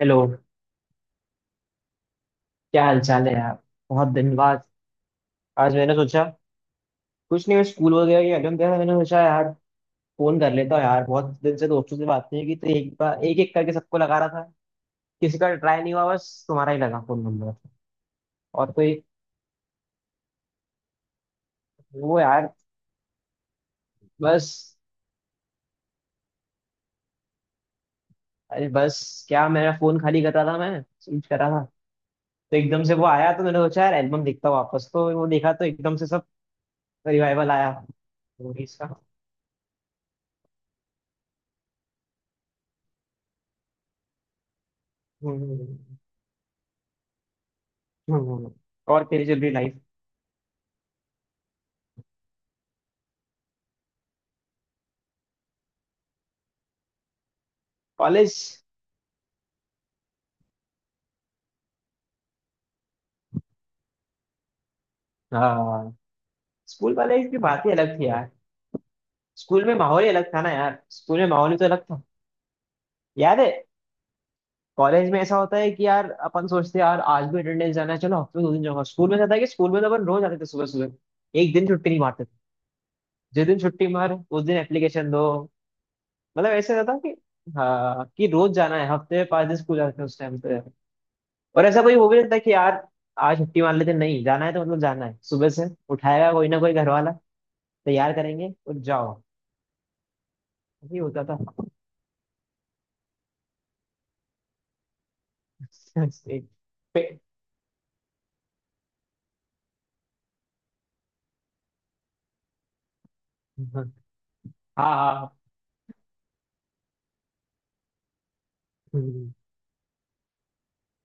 Hello. क्या हाल चाल है यार? बहुत दिन बाद। आज मैंने सोचा, कुछ नहीं, मैं स्कूल वगैरह की एल्बम देखा, मैंने सोचा यार फोन कर लेता हूँ यार। बहुत दिन से दोस्तों से बात नहीं की, तो एक बार एक एक करके सबको लगा रहा था। किसी का ट्राई नहीं हुआ, बस तुम्हारा ही लगा फोन नंबर। और कोई? वो यार, बस। अरे बस क्या, मेरा फोन खाली कर रहा था, मैं स्विच कर रहा था, तो एकदम से वो आया, तो मैंने सोचा यार एल्बम देखता हूँ वापस, तो वो देखा तो एकदम से सब रिवाइवल आया memories का। हम्म। हम्म, हम्म। और तेरी चल रही लाइफ? कॉलेज, हाँ। स्कूल वाले की बात ही अलग थी यार। स्कूल में माहौल ही अलग था ना यार, स्कूल में माहौल ही तो अलग था। याद है? कॉलेज में ऐसा होता है कि यार अपन सोचते हैं यार आज भी अटेंडेंस जाना है, चलो हफ्ते में 2 दिन जाऊंगा। स्कूल में ऐसा था कि स्कूल में तो अपन रोज आते थे सुबह सुबह, एक दिन छुट्टी नहीं मारते थे। जिस दिन छुट्टी मार उस दिन एप्लीकेशन दो। मतलब ऐसे रहता था कि हाँ कि रोज जाना है, हफ्ते में 5 दिन स्कूल जाते थे उस टाइम पे। और ऐसा कोई हो भी नहीं था कि यार आज छुट्टी मार लेते, नहीं जाना है तो मतलब जाना है, सुबह से उठाएगा कोई ना कोई घर वाला, तैयार करेंगे और जाओ। यही होता था। एक पे, हाँ, हाँ, हम्म।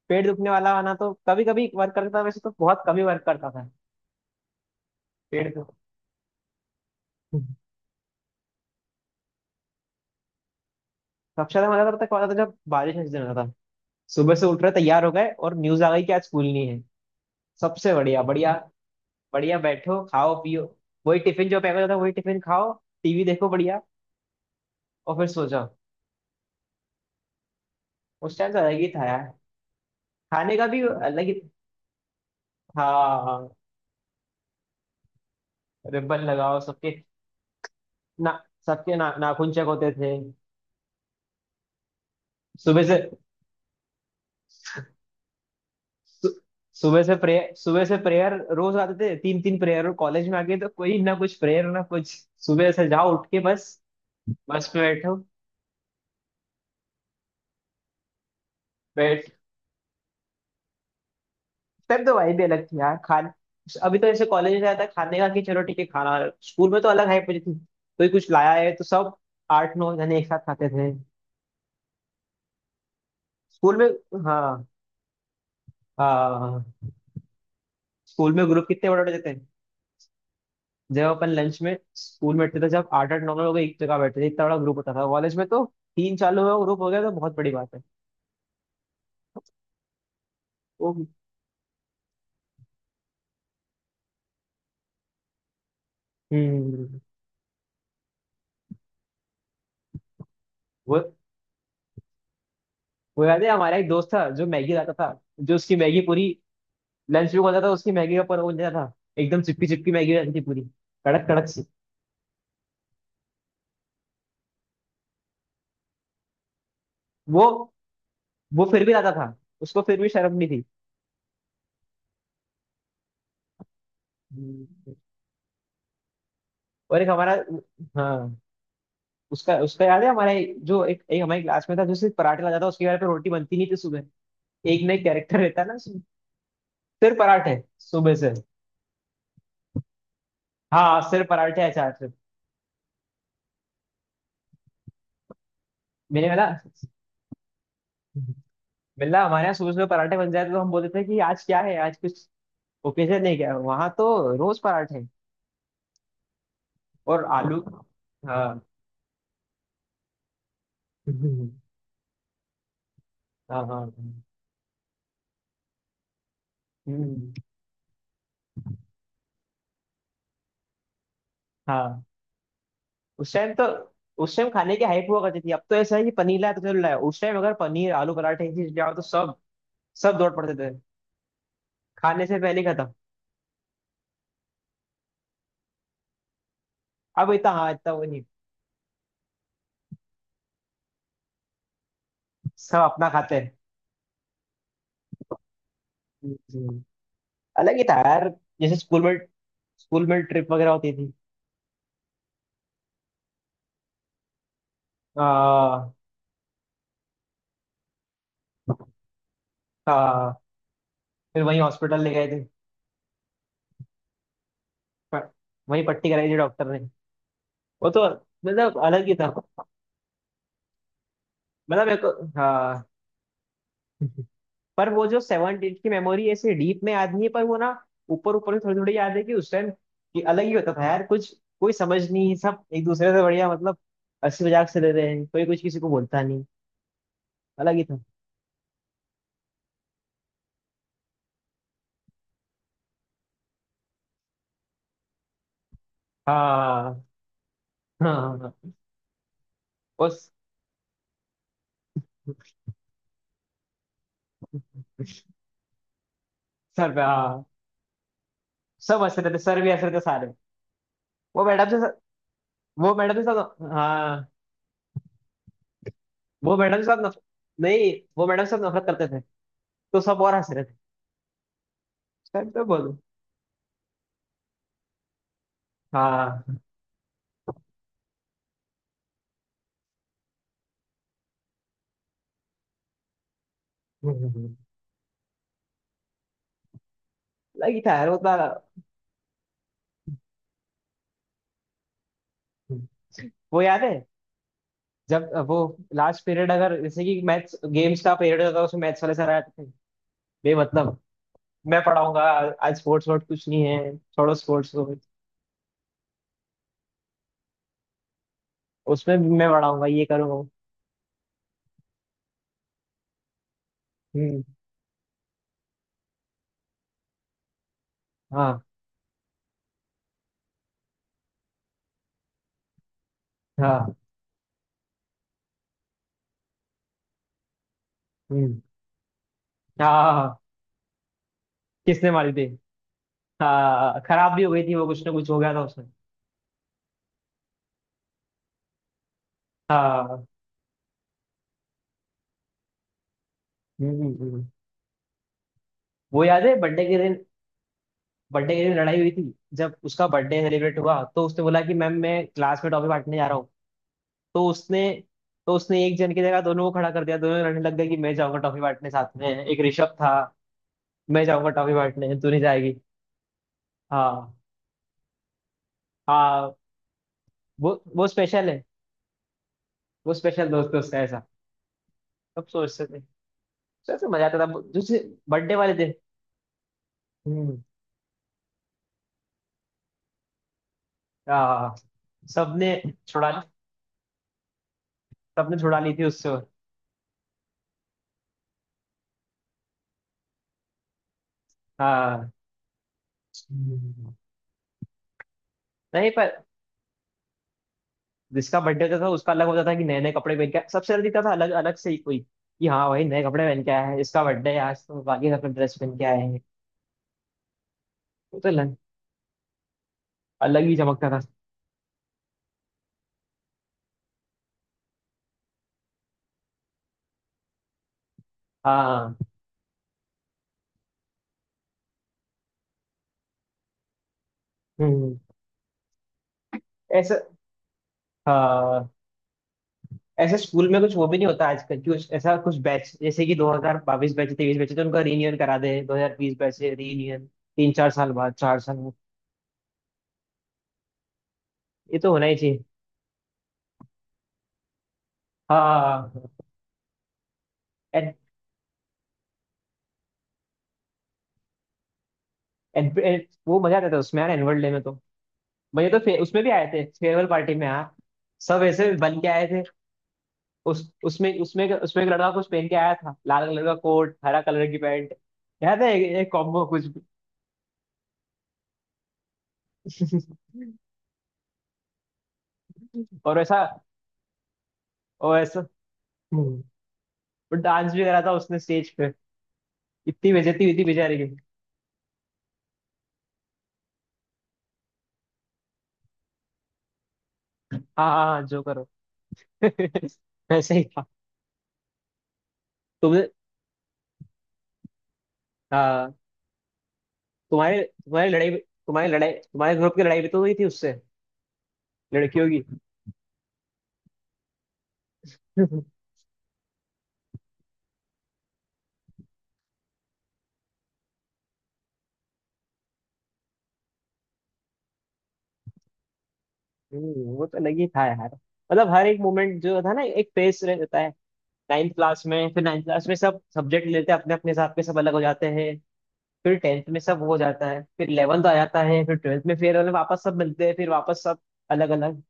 पेट दुखने वाला आना तो कभी कभी वर्क करता था, वैसे तो बहुत कभी वर्क करता था। पेट दुख, हम्म। सबसे ज्यादा मजा करता था जब बारिश का सीजन होता था। सुबह से उठ रहे तैयार हो गए और न्यूज आ गई कि आज स्कूल नहीं है। सबसे बढ़िया बढ़िया। बढ़िया बैठो, खाओ, पियो। वही टिफिन जो पैक होता था वही टिफिन खाओ, टीवी देखो, बढ़िया। और फिर सो जाओ। उस टाइम तो अलग ही था यार, खाने का भी अलग ही। हाँ। रिबन लगाओ सबके ना, सबके ना नाखून चेक होते थे सुबह से। सु- सुबह से प्रेयर, सुबह से प्रेयर, रोज आते थे 3 3 प्रेयर। कॉलेज में आ गए तो कोई ना कुछ प्रेयर ना कुछ। सुबह से जाओ उठ के, बस। बस में बैठो। बैठ तब तो वाइब भी अलग थी यार। खान अभी तो ऐसे कॉलेज में जाता है खाने का कि चलो ठीक है खाना। स्कूल में तो अलग हाइप होती थी, कोई कुछ लाया है तो सब 8 9 जने एक साथ खाते थे। स्कूल में, हाँ, हाँ। स्कूल में ग्रुप कितने बड़े बड़े होते थे। जब अपन लंच में स्कूल में बैठते थे, जब 8 8 9 9 लोग एक जगह बैठते थे, इतना बड़ा ग्रुप होता था। कॉलेज में तो 3 4 लोगों का ग्रुप हो गया तो बहुत बड़ी बात है। वो, हम्म। वो वो याद है, हमारा एक दोस्त था जो मैगी लाता था, जो उसकी मैगी पूरी लंच में खाता था, उसकी मैगी का, पर वो नहीं था। एकदम चिपकी चिपकी मैगी रहती थी पूरी, कड़क कड़क सी। वो वो फिर भी लाता था, उसको फिर भी शर्म नहीं थी। हम्म। और एक हमारा, हाँ। उसका उसका याद है, हमारा जो एक हमारे क्लास में था जो सिर्फ पराठे लाता था, उसके घर पे रोटी बनती नहीं थी सुबह। एक नई कैरेक्टर रहता ना उसमें। सिर्फ पराठे सुबह से, हाँ, सिर्फ पराठे अचार से। मैंने बोला बिल्ला, हमारे यहाँ सुबह सुबह पराठे बन जाते तो हम बोलते थे कि आज क्या है, आज कुछ ओकेजन नहीं क्या, वहां तो रोज पराठे। और आलू, हाँ, हाँ, हाँ, हम्म, हाँ। उस टाइम तो, उस टाइम खाने की हाइप हुआ करती थी, अब तो ऐसा है कि पनीर लाया तो चल लाया। उस टाइम अगर पनीर आलू पराठे ये चीज लाओ तो सब, सब दौड़ पड़ते थे, खाने से पहले ही खत्म। अब इतना, हाँ इतना वो नहीं, सब अपना खाते हैं। हम्म, अलग ही था यार। जैसे स्कूल में, स्कूल में ट्रिप वगैरह होती थी। हाँ, हाँ। फिर वहीं हॉस्पिटल ले गए थे, प- वही पट्टी कराई थी डॉक्टर ने। वो तो मतलब अलग ही था। मतलब एक, हाँ। पर वो जो सेवन डेज की मेमोरी ऐसे डीप में याद नहीं है, पर वो ना ऊपर ऊपर में थोड़ी थोड़ी याद है कि उस टाइम कि अलग ही होता था यार कुछ। कोई समझ नहीं, सब एक दूसरे से बढ़िया, मतलब हंसी मजाक से ले रहे हैं, कोई कुछ किसी को बोलता नहीं। अलग ही था। हाँ, हाँ, हाँ। वो सर पे, हाँ। सब हंस रहे थे, सर भी हंस रहे थे सारे। वो मैडम से, वो मैडम के साथ, हाँ। वो मैडम के साथ नहीं, वो मैडम से सब नफरत करते थे, तो सब और हंस रहे थे। सच तो बोलो, हाँ। लगी था यार उतना। वो याद है, जब वो लास्ट पीरियड अगर जैसे कि मैथ्स गेम्स का पीरियड होता था, उसमें मैथ्स वाले सर आते थे, बेमतलब मैं पढ़ाऊंगा, आज स्पोर्ट्स वोर्ट्स कुछ नहीं है, छोड़ो स्पोर्ट्स को, उसमें भी मैं पढ़ाऊंगा ये करूंगा। हम्म, हाँ, हाँ, हम्म, हाँ, हाँ, हाँ। किसने मारी थी? हाँ, खराब भी हो गई थी वो, कुछ ना कुछ हो गया था उसमें। हाँ, हम्म, हम्म। हम्म। वो याद है बर्थडे के दिन, बर्थडे के लिए लड़ाई हुई थी, जब उसका बर्थडे सेलिब्रेट हुआ तो उसने बोला कि मैम मैं क्लास में टॉफी बांटने जा रहा हूँ। तो उसने तो उसने एक जन की जगह दोनों को खड़ा कर दिया, दोनों लड़ने लग गए कि मैं जाऊंगा टॉफी बांटने, साथ में एक ऋषभ था। मैं जाऊंगा टॉफी बांटने, तू नहीं जाएगी। हाँ, हाँ। वो स्पेशल है, वो स्पेशल दोस्त है उसका ऐसा। सब सोचते थे, सोचते मजा आता था। जैसे बर्थडे वाले दिन, हम्म, हाँ। सबने छुड़ा सबने छुड़ा ली थी उससे। हाँ, हम्म। नहीं पर जिसका बर्थडे होता था उसका अलग होता था कि नए नए कपड़े पहन के आया, सबसे दिखता था अलग अलग से ही कोई कि हाँ भाई नए कपड़े पहन के आया है, इसका बर्थडे है आज, तो बाकी सब ड्रेस पहन के आए हैं। वो तो अलग, अलग ही चमकता था। हाँ, हम्म, ऐसा, हाँ। ऐसे स्कूल में कुछ वो भी नहीं होता आजकल कि उस- ऐसा कुछ बैच जैसे कि 2022 बैच, 23 बैच है, तो उनका रीयूनियन करा दे 2020 बैच से रीयूनियन, 3 4 साल बाद, 4 साल बाद। ये तो होना ही चाहिए। हाँ, एन, एन, एन, वो मजा आता था उसमें यार, एनुअल डे में तो। भैया तो उसमें भी आए थे फेयरवेल पार्टी में यार, सब ऐसे बन के आए थे। उस उसमें उसमें उसमें एक लड़का कुछ पहन के आया था, लाल कलर का कोट, हरा कलर की पैंट, याद है एक, एक कॉम्बो कुछ भी। और ऐसा और ऐसा हम्म, और डांस भी करा था उसने स्टेज पे। इतनी बेइज्जती हुई थी बेचारे की। हाँ, हाँ, हाँ, जो करो। ऐसे ही था। तुमने, हाँ। तुम्हारी तुम्हारी लड़ाई तुम्हारे ग्रुप की लड़ाई भी तो हुई थी उससे, लड़कियों की। वो तो लगी था यार। मतलब हर एक मोमेंट जो था ना, एक फेस रहता है। नाइन्थ क्लास में सब सब्जेक्ट लेते हैं अपने अपने हिसाब के, सब अलग हो जाते हैं। फिर टेंथ में सब हो जाता है, फिर 11th आ जाता है, फिर ट्वेल्थ में, फिर मतलब वापस सब मिलते हैं, फिर वापस सब अलग अलग।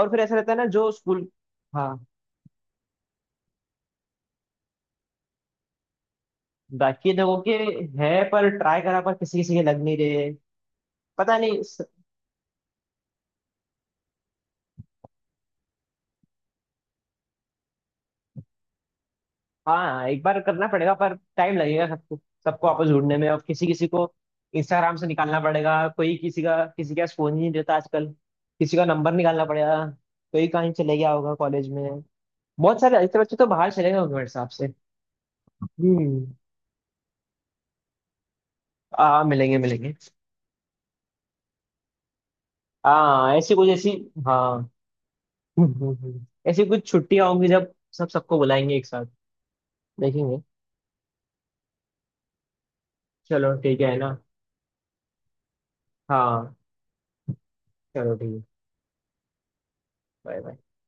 और फिर ऐसा रहता है ना जो स्कूल, हाँ, बाकी लोगों के है, पर ट्राई करा, पर किसी किसी के लग नहीं रहे। पता नहीं, हाँ, एक बार करना पड़ेगा पर टाइम लगेगा सबको, सबको आपस ढूंढने में, और किसी किसी को इंस्टाग्राम से निकालना पड़ेगा, कोई किसी का, किसी के पास फोन ही नहीं रहता आजकल। किसी का नंबर निकालना पड़ेगा, कोई कहीं चले गया होगा कॉलेज में, बहुत सारे ऐसे बच्चे तो बाहर चले गए होंगे मेरे हिसाब से। हम्म, आ, मिलेंगे मिलेंगे। हाँ, ऐसी कुछ ऐसी, हाँ, ऐसी कुछ छुट्टियां होंगी जब सब सबको बुलाएंगे एक साथ, देखेंगे। चलो ठीक है ना, हाँ, चलो ठीक है। Bye bye.